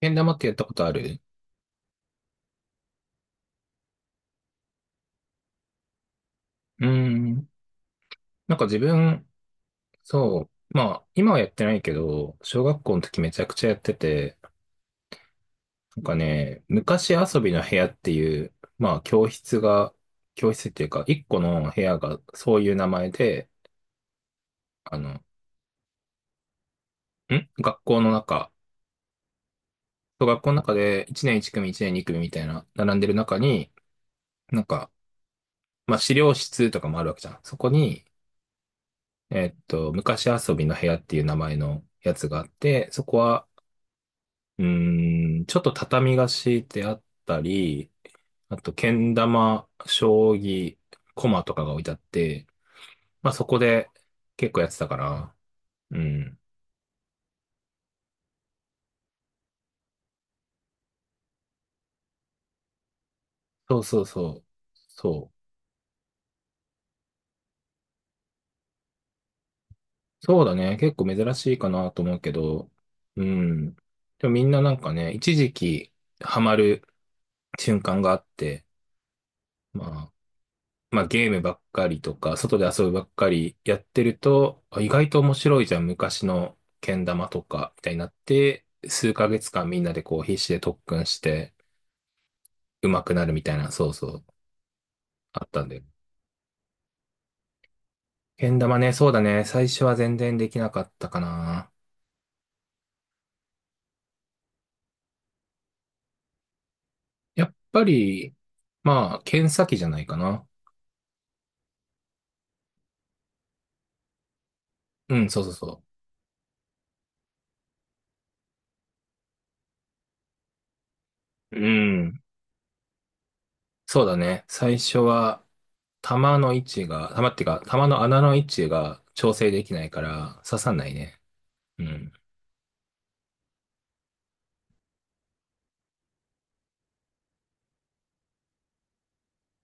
けん玉ってやったことある？うーん。なんか自分、そう。まあ、今はやってないけど、小学校の時めちゃくちゃやってて、なんかね、昔遊びの部屋っていう、まあ、教室が、教室っていうか、一個の部屋がそういう名前で、あの、ん学校の中、小学校の中で1年1組、1年2組みたいな、並んでる中に、なんか、まあ、資料室とかもあるわけじゃん。そこに、昔遊びの部屋っていう名前のやつがあって、そこは、ちょっと畳が敷いてあったり、あと、けん玉、将棋、駒とかが置いてあって、まあそこで結構やってたから、うん。そうそうそう。そう。そうだね。結構珍しいかなと思うけど、うん。でもみんななんかね、一時期ハマる瞬間があって、まあ、まあ、ゲームばっかりとか、外で遊ぶばっかりやってると、あ意外と面白いじゃん、昔のけん玉とか、みたいになって、数ヶ月間みんなでこう必死で特訓して上手くなるみたいな、そうそう、あったんで。けん玉ね、そうだね、最初は全然できなかったかな。やっぱり、まあ、剣先じゃないかな。うん、そうそうそう。うん、そうだね、最初は、玉の位置が、玉っていうか、玉の穴の位置が調整できないから刺さんないね。うん。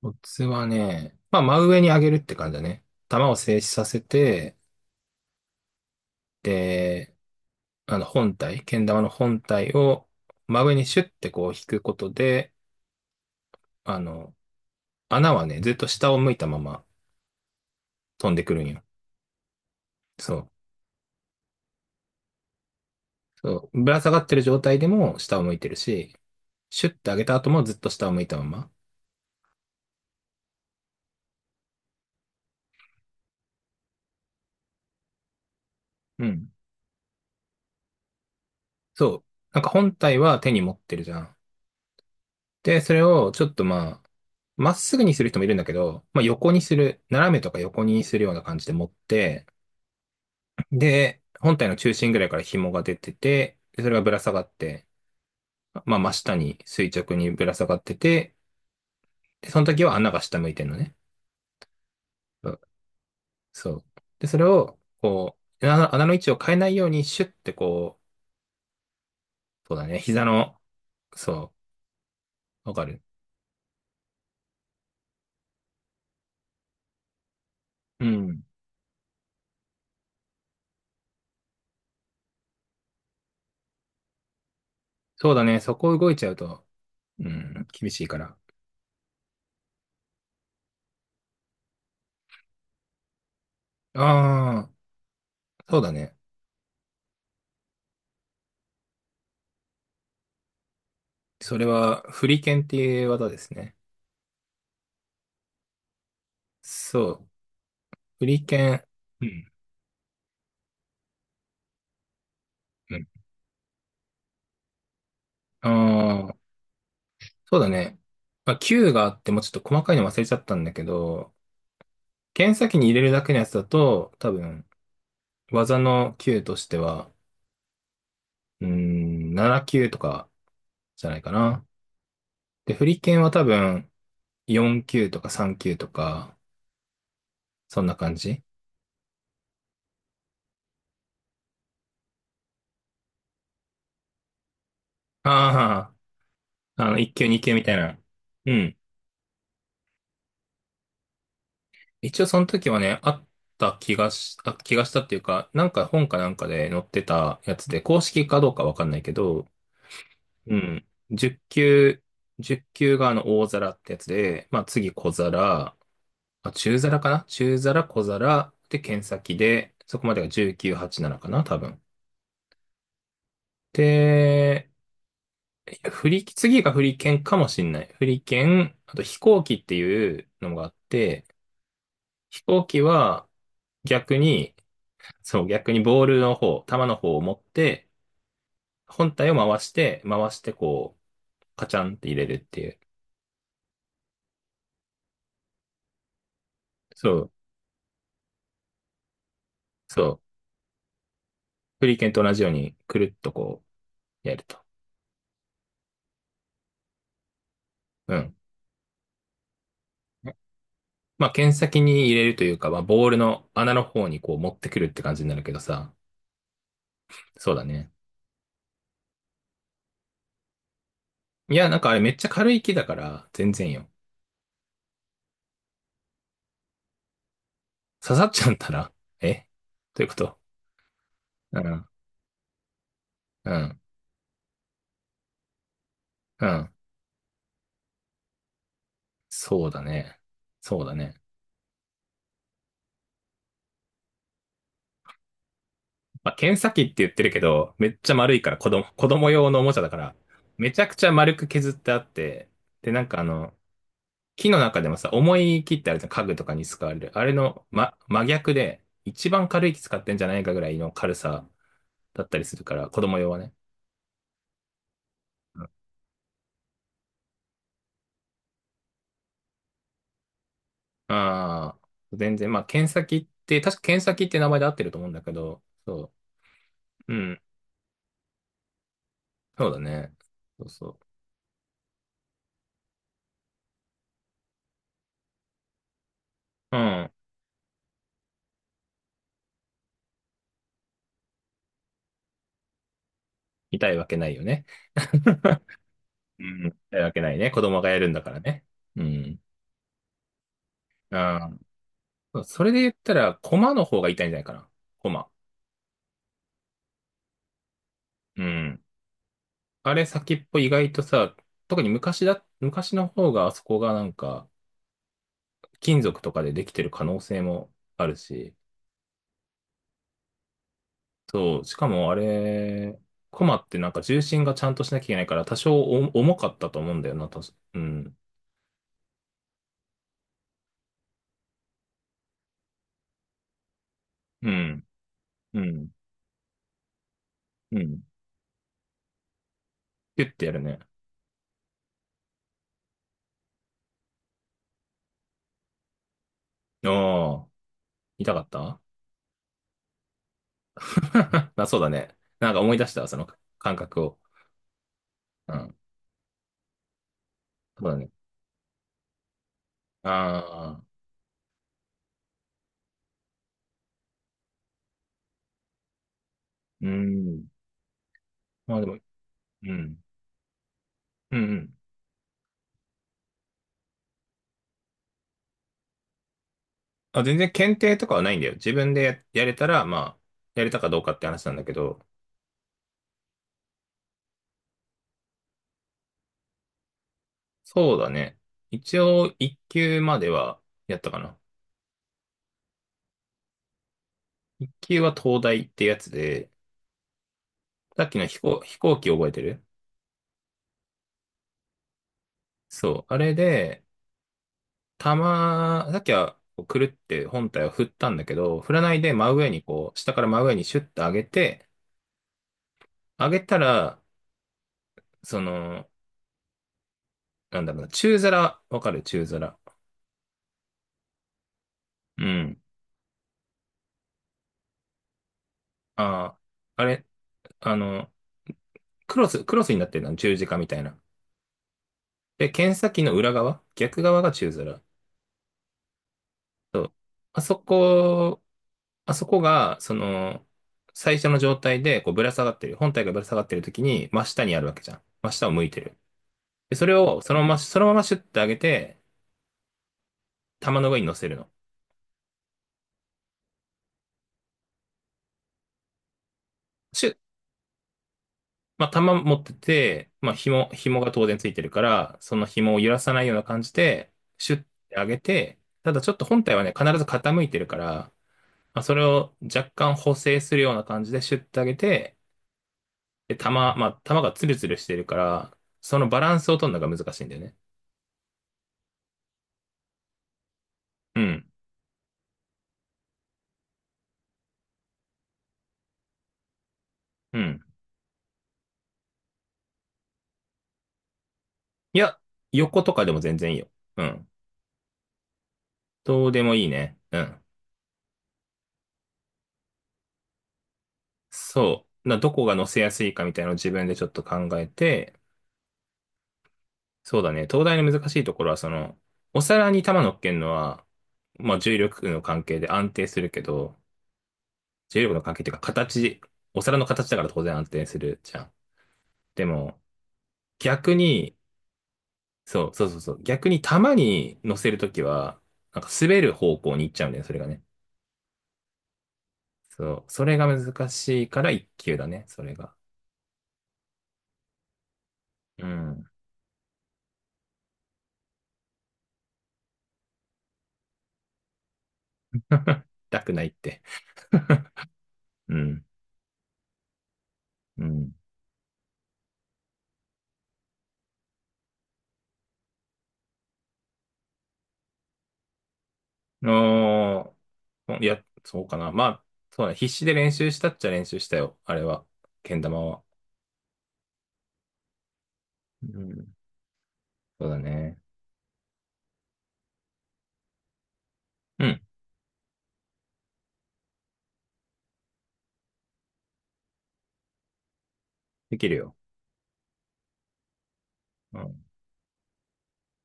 コツはね、まあ、真上に上げるって感じだね。球を静止させて、で、あの、本体、けん玉の本体を真上にシュッてこう引くことで、あの、穴はね、ずっと下を向いたまま飛んでくるんよ。そう。そう。ぶら下がってる状態でも下を向いてるし、シュッて上げた後もずっと下を向いたまま。うん。そう。なんか本体は手に持ってるじゃん。で、それをちょっとまあ、まっすぐにする人もいるんだけど、まあ、横にする、斜めとか横にするような感じで持って、で、本体の中心ぐらいから紐が出てて、でそれがぶら下がって、まあ、真下に垂直にぶら下がってて、で、その時は穴が下向いてんのね。そうそう。で、それを、こう、穴の位置を変えないようにシュッてこう、そうだね、膝の、そう、わかる。うん。そうだね、そこ動いちゃうと、うん、厳しいから。ああ、そうだね。それは、フリケンっていう技ですね。そう。手裏剣。うん。うん。ああ、そうだね。まあ、球があってもちょっと細かいの忘れちゃったんだけど、剣先に入れるだけのやつだと、多分、技の球としては、7球とかじゃないかな。で、振り剣は多分、4球とか3球とか、そんな感じ。ああ、あの、1球2球みたいな。うん。一応その時はね、あった気がし、あ、気がしたっていうか、なんか本かなんかで載ってたやつで、公式かどうかわかんないけど、うん。10級、1級があの大皿ってやつで、まあ次小皿、あ、中皿かな中皿、小皿で剣先で、そこまでが1987かな多分。で、いや、次が振り剣かもしんない。振り剣、あと飛行機っていうのがあって、飛行機は逆に、そう、逆にボールの方、球の方を持って、本体を回して、回してこう、カチャンって入れるっていう。そう、そう。フリーケンと同じように、くるっとこう、やると。うん。まあ、剣先に入れるというか、まあ、ボールの穴の方にこう持ってくるって感じになるけどさ。そうだね。いや、なんかあれめっちゃ軽い木だから、全然よ。刺さっちゃったら、えということ？うん、うん、うん。そうだね。そうだね。まあ、検査機って言ってるけど、めっちゃ丸いから、子供用のおもちゃだから、めちゃくちゃ丸く削ってあって、で、なんか、木の中でもさ、重い木ってあるじゃん、家具とかに使われる。あれの、真逆で、一番軽い木使ってんじゃないかぐらいの軽さだったりするから、子供用はね。うん。ああ、全然、まあ、検査機って、確か検査機って名前で合ってると思うんだけど、そう、うん、そうだね。そうそう。うん、痛いわけないよね。うん、痛いわけないね。子供がやるんだからね。うん。ああ、それで言ったら、コマの方が痛いんじゃないかな。コマ。うん。あれ先っぽ意外とさ、特に昔の方があそこがなんか、金属とかでできてる可能性もあるし、そう、しかもあれ、コマってなんか重心がちゃんとしなきゃいけないから、多少お重かったと思うんだよな、うん。うん。うん。うん。ピュッてやるね。ああ、痛かった？ あ、そうだね。なんか思い出したわ、その感覚を。うん。そうだね。ああ。うん。まあでも、うん。うんうん。あ、全然検定とかはないんだよ。自分でやれたら、まあ、やれたかどうかって話なんだけど、そうだね。一応、一級まではやったかな。一級は東大ってやつで、さっきの飛行機覚えてる？そう。あれで、さっきは、こうくるって本体を振ったんだけど、振らないで真上にこう、下から真上にシュッと上げて、上げたら、その、なんだろうな、中皿、わかる中皿？うん。ああ、あれ、あの、クロスになってるの、十字架みたいな。で、剣先の裏側、逆側が宙づら。あそこ、あそこが、最初の状態で、こう、ぶら下がってる。本体がぶら下がってる時に、真下にあるわけじゃん。真下を向いてる。で、それを、そのまま、そのままシュッて上げて、玉の上に乗せるの。シュッ、まあ、玉持ってて、まあ、紐が当然ついてるから、その紐を揺らさないような感じで、シュッて上げて、ただちょっと本体はね、必ず傾いてるから、まあ、それを若干補正するような感じでシュッて上げて、で、玉、まあ、玉がツルツルしてるから、そのバランスを取るのが難しいんだよね。うん。うん。いや、横とかでも全然いいよ。うん。どうでもいいね。うん。そう。どこが乗せやすいかみたいなのを自分でちょっと考えて、そうだね。東大の難しいところは、お皿に玉乗っけるのは、まあ、重力の関係で安定するけど、重力の関係っていうか、形、お皿の形だから当然安定するじゃん。でも、逆に、そう、そうそうそう。逆に球に乗せるときは、なんか滑る方向に行っちゃうんだよね、それがね。そう、それが難しいから一級だね、それが。うん。痛くないって。うん。うん。あいや、そうかな。まあ、そうだね。必死で練習したっちゃ練習したよ、あれは。けん玉は。うん。そうだね。うん。できるよ。うん。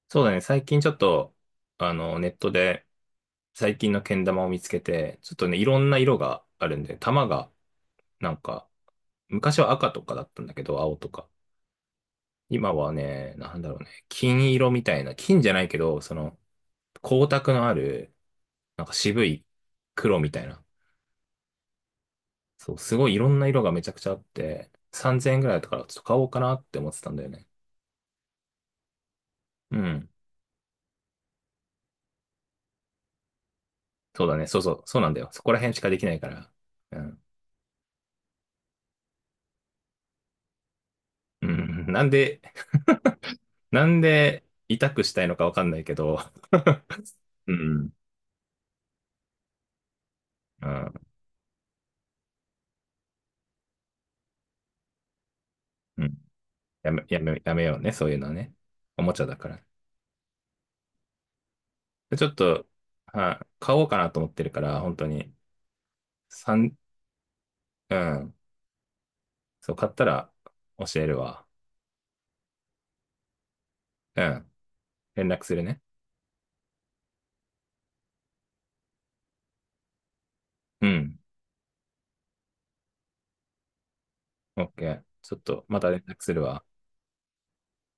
そうだね。最近ちょっと、ネットで、最近のけん玉を見つけて、ちょっとね、いろんな色があるんで、玉が、なんか、昔は赤とかだったんだけど、青とか。今はね、なんだろうね、金色みたいな、金じゃないけど、光沢のある、なんか渋い黒みたいな。そう、すごいいろんな色がめちゃくちゃあって、3000円ぐらいだったから、ちょっと買おうかなって思ってたんだよね。うん。そうだね、そうそう、そうなんだよ。そこら辺しかできないから。うん。うん。なんで、痛くしたいのかわかんないけど、うん。うんうん。やめようね、そういうのはね。おもちゃだから。でちょっと、はい、買おうかなと思ってるから、本当に、三、うん、そう、買ったら教えるわ。うん、連絡するね。うん、オッケー。ちょっと、また連絡するわ。